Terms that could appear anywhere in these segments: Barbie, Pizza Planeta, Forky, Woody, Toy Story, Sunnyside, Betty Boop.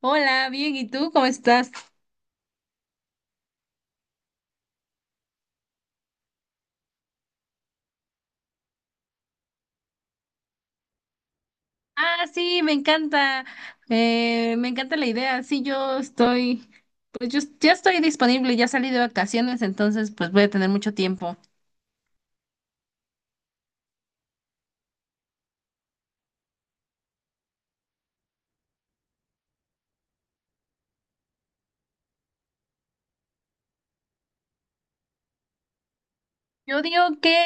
Hola, bien, ¿y tú cómo estás? Ah, sí, me encanta la idea. Sí, pues yo ya estoy disponible, ya salí de vacaciones, entonces pues voy a tener mucho tiempo. Yo digo que,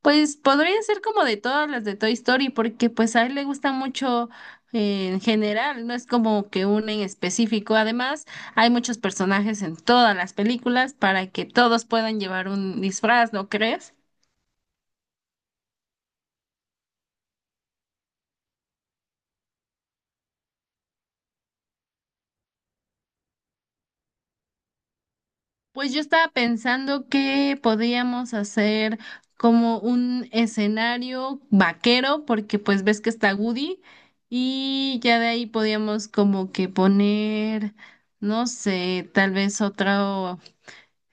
pues podría ser como de todas las de Toy Story, porque pues a él le gusta mucho en general, no es como que una en específico. Además, hay muchos personajes en todas las películas para que todos puedan llevar un disfraz, ¿no crees? Pues yo estaba pensando que podíamos hacer como un escenario vaquero, porque pues ves que está Woody y ya de ahí podíamos como que poner, no sé, tal vez otro,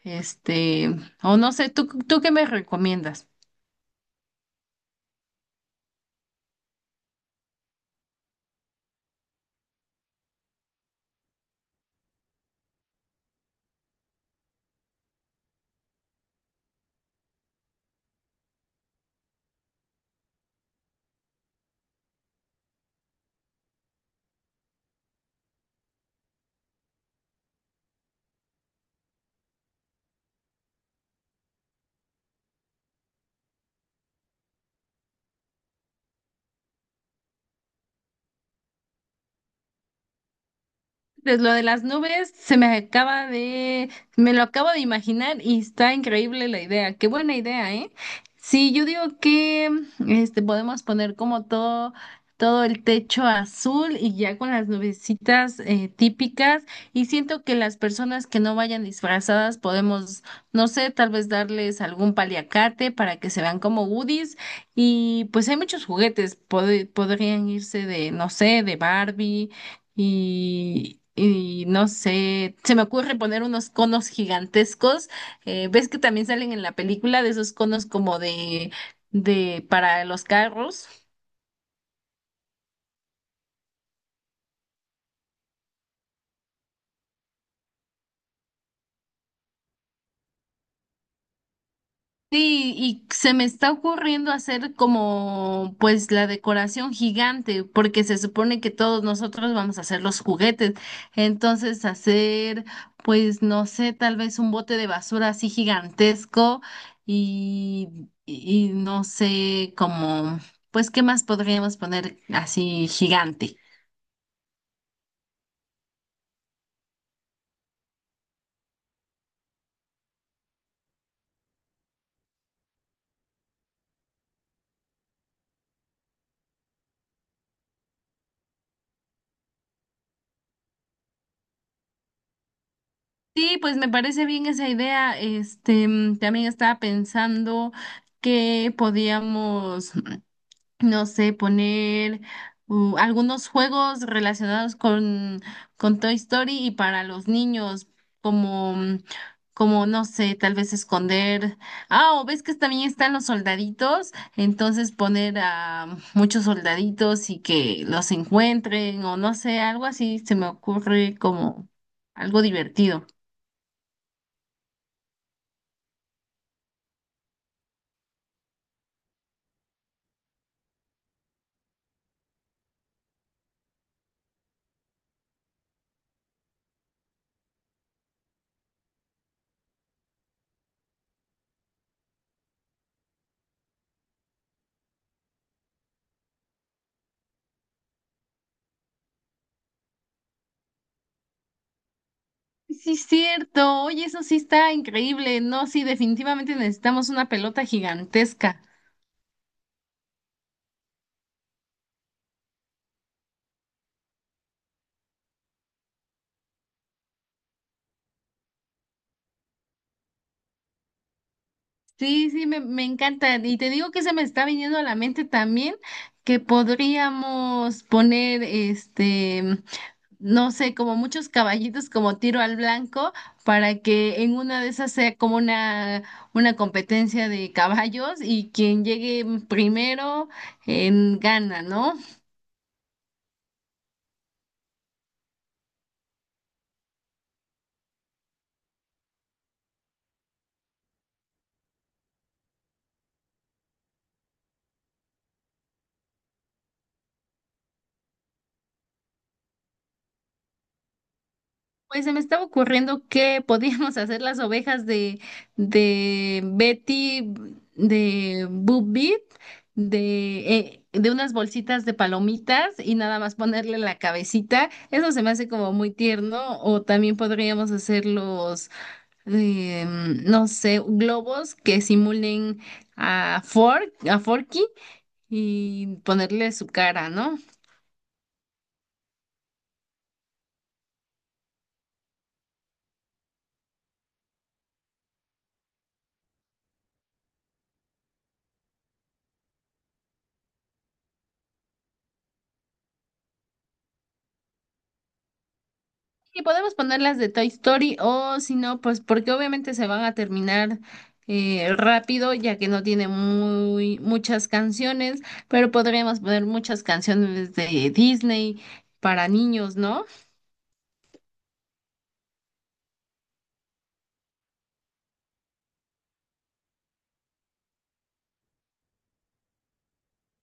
este, o no sé, ¿tú qué me recomiendas? Pues lo de las nubes se me acaba de, me lo acabo de imaginar y está increíble la idea. Qué buena idea, ¿eh? Sí, yo digo que este podemos poner como todo, todo el techo azul y ya con las nubecitas típicas. Y siento que las personas que no vayan disfrazadas podemos, no sé, tal vez darles algún paliacate para que se vean como Woodies. Y pues hay muchos juguetes, podrían irse de, no sé, de Barbie y no sé, se me ocurre poner unos conos gigantescos. Eh, ¿ves que también salen en la película de esos conos como de para los carros? Sí, y se me está ocurriendo hacer como pues la decoración gigante, porque se supone que todos nosotros vamos a hacer los juguetes. Entonces hacer pues no sé, tal vez un bote de basura así gigantesco y, y no sé como pues qué más podríamos poner así gigante. Sí, pues me parece bien esa idea. Este, también estaba pensando que podíamos no sé, poner algunos juegos relacionados con Toy Story y para los niños, como, como, no sé, tal vez esconder. Ah, o ves que también están los soldaditos, entonces poner a muchos soldaditos y que los encuentren, o no sé, algo así se me ocurre como algo divertido. Sí, cierto. Oye, eso sí está increíble. No, sí, definitivamente necesitamos una pelota gigantesca. Sí, sí, me encanta. Y te digo que se me está viniendo a la mente también que podríamos poner, este, no sé, como muchos caballitos como tiro al blanco para que en una de esas sea como una competencia de caballos y quien llegue primero en gana, ¿no? Pues se me estaba ocurriendo que podíamos hacer las ovejas de Betty, de Boop Beep, de unas bolsitas de palomitas y nada más ponerle la cabecita. Eso se me hace como muy tierno. O también podríamos hacer los, eh, no sé, globos que simulen a Fork, a Forky y ponerle su cara, ¿no? Y podemos ponerlas de Toy Story o si no, pues porque obviamente se van a terminar rápido ya que no tiene muy muchas canciones, pero podríamos poner muchas canciones de Disney para niños, ¿no?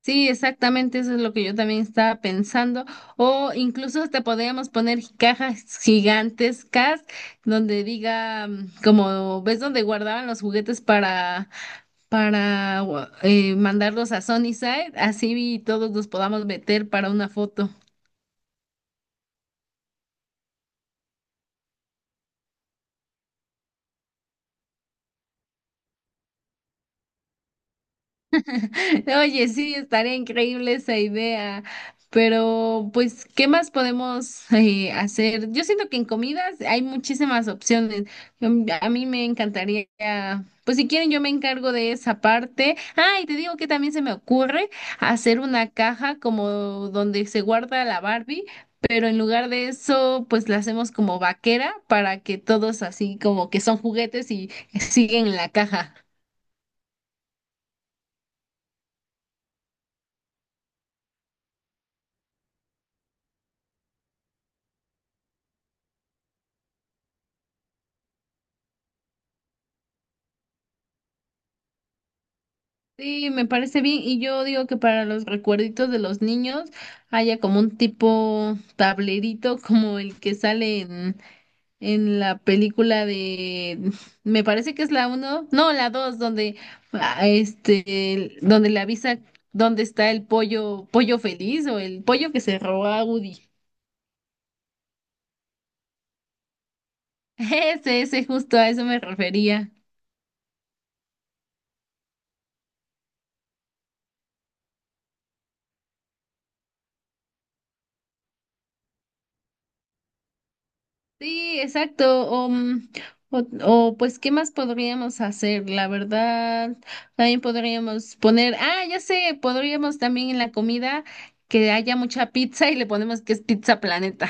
Sí, exactamente, eso es lo que yo también estaba pensando. O incluso hasta podríamos poner cajas gigantescas donde diga, como ves donde guardaban los juguetes para mandarlos a Sunnyside, así todos los podamos meter para una foto. Oye, sí, estaría increíble esa idea, pero pues, ¿qué más podemos hacer? Yo siento que en comidas hay muchísimas opciones. Yo- a mí me encantaría, pues si quieren yo me encargo de esa parte. Ah, y te digo que también se me ocurre hacer una caja como donde se guarda la Barbie, pero en lugar de eso, pues la hacemos como vaquera para que todos así como que son juguetes y siguen en la caja. Sí, me parece bien. Y yo digo que para los recuerditos de los niños haya como un tipo tablerito como el que sale en la película de, me parece que es la uno, no, la dos, donde donde le avisa dónde está el pollo, pollo feliz o el pollo que se robó a Woody. Ese, justo a eso me refería. Sí, exacto. O, o, o, pues, ¿qué más podríamos hacer? La verdad, también podríamos poner, ah, ya sé, podríamos también en la comida que haya mucha pizza y le ponemos que es Pizza Planeta.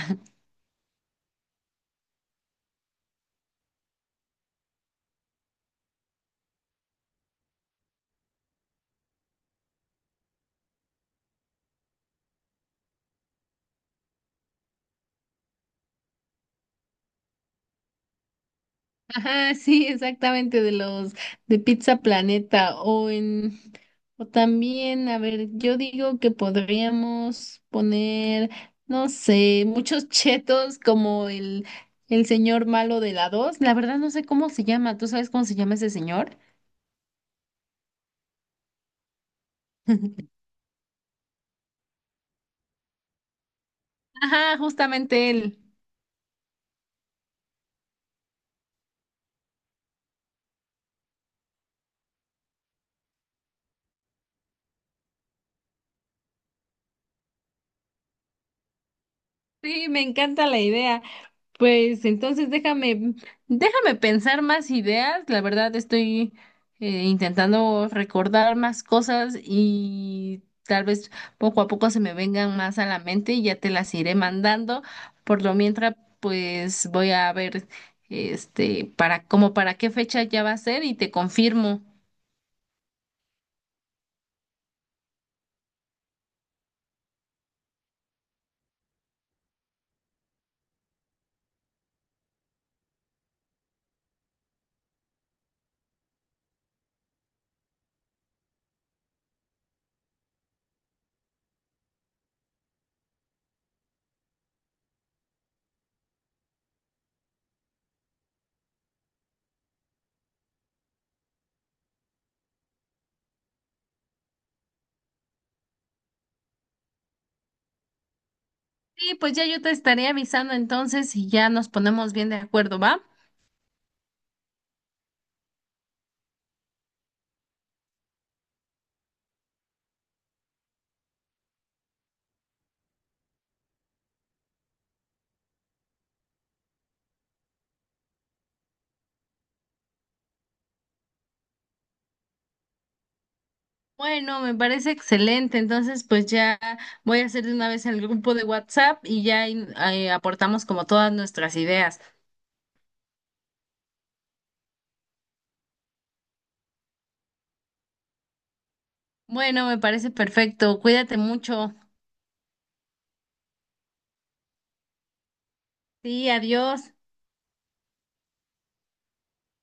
Ajá, sí, exactamente, de los de Pizza Planeta o en o también, a ver, yo digo que podríamos poner, no sé, muchos chetos como el señor malo de la dos. La verdad no sé cómo se llama, ¿tú sabes cómo se llama ese señor? Ajá, justamente él. Sí, me encanta la idea. Pues entonces déjame, déjame pensar más ideas. La verdad estoy intentando recordar más cosas y tal vez poco a poco se me vengan más a la mente y ya te las iré mandando. Por lo mientras, pues voy a ver este para como para qué fecha ya va a ser y te confirmo. Sí, pues ya yo te estaré avisando entonces y ya nos ponemos bien de acuerdo, ¿va? Bueno, me parece excelente. Entonces, pues ya voy a hacer de una vez el grupo de WhatsApp y ya ahí, ahí aportamos como todas nuestras ideas. Bueno, me parece perfecto. Cuídate mucho. Sí, adiós.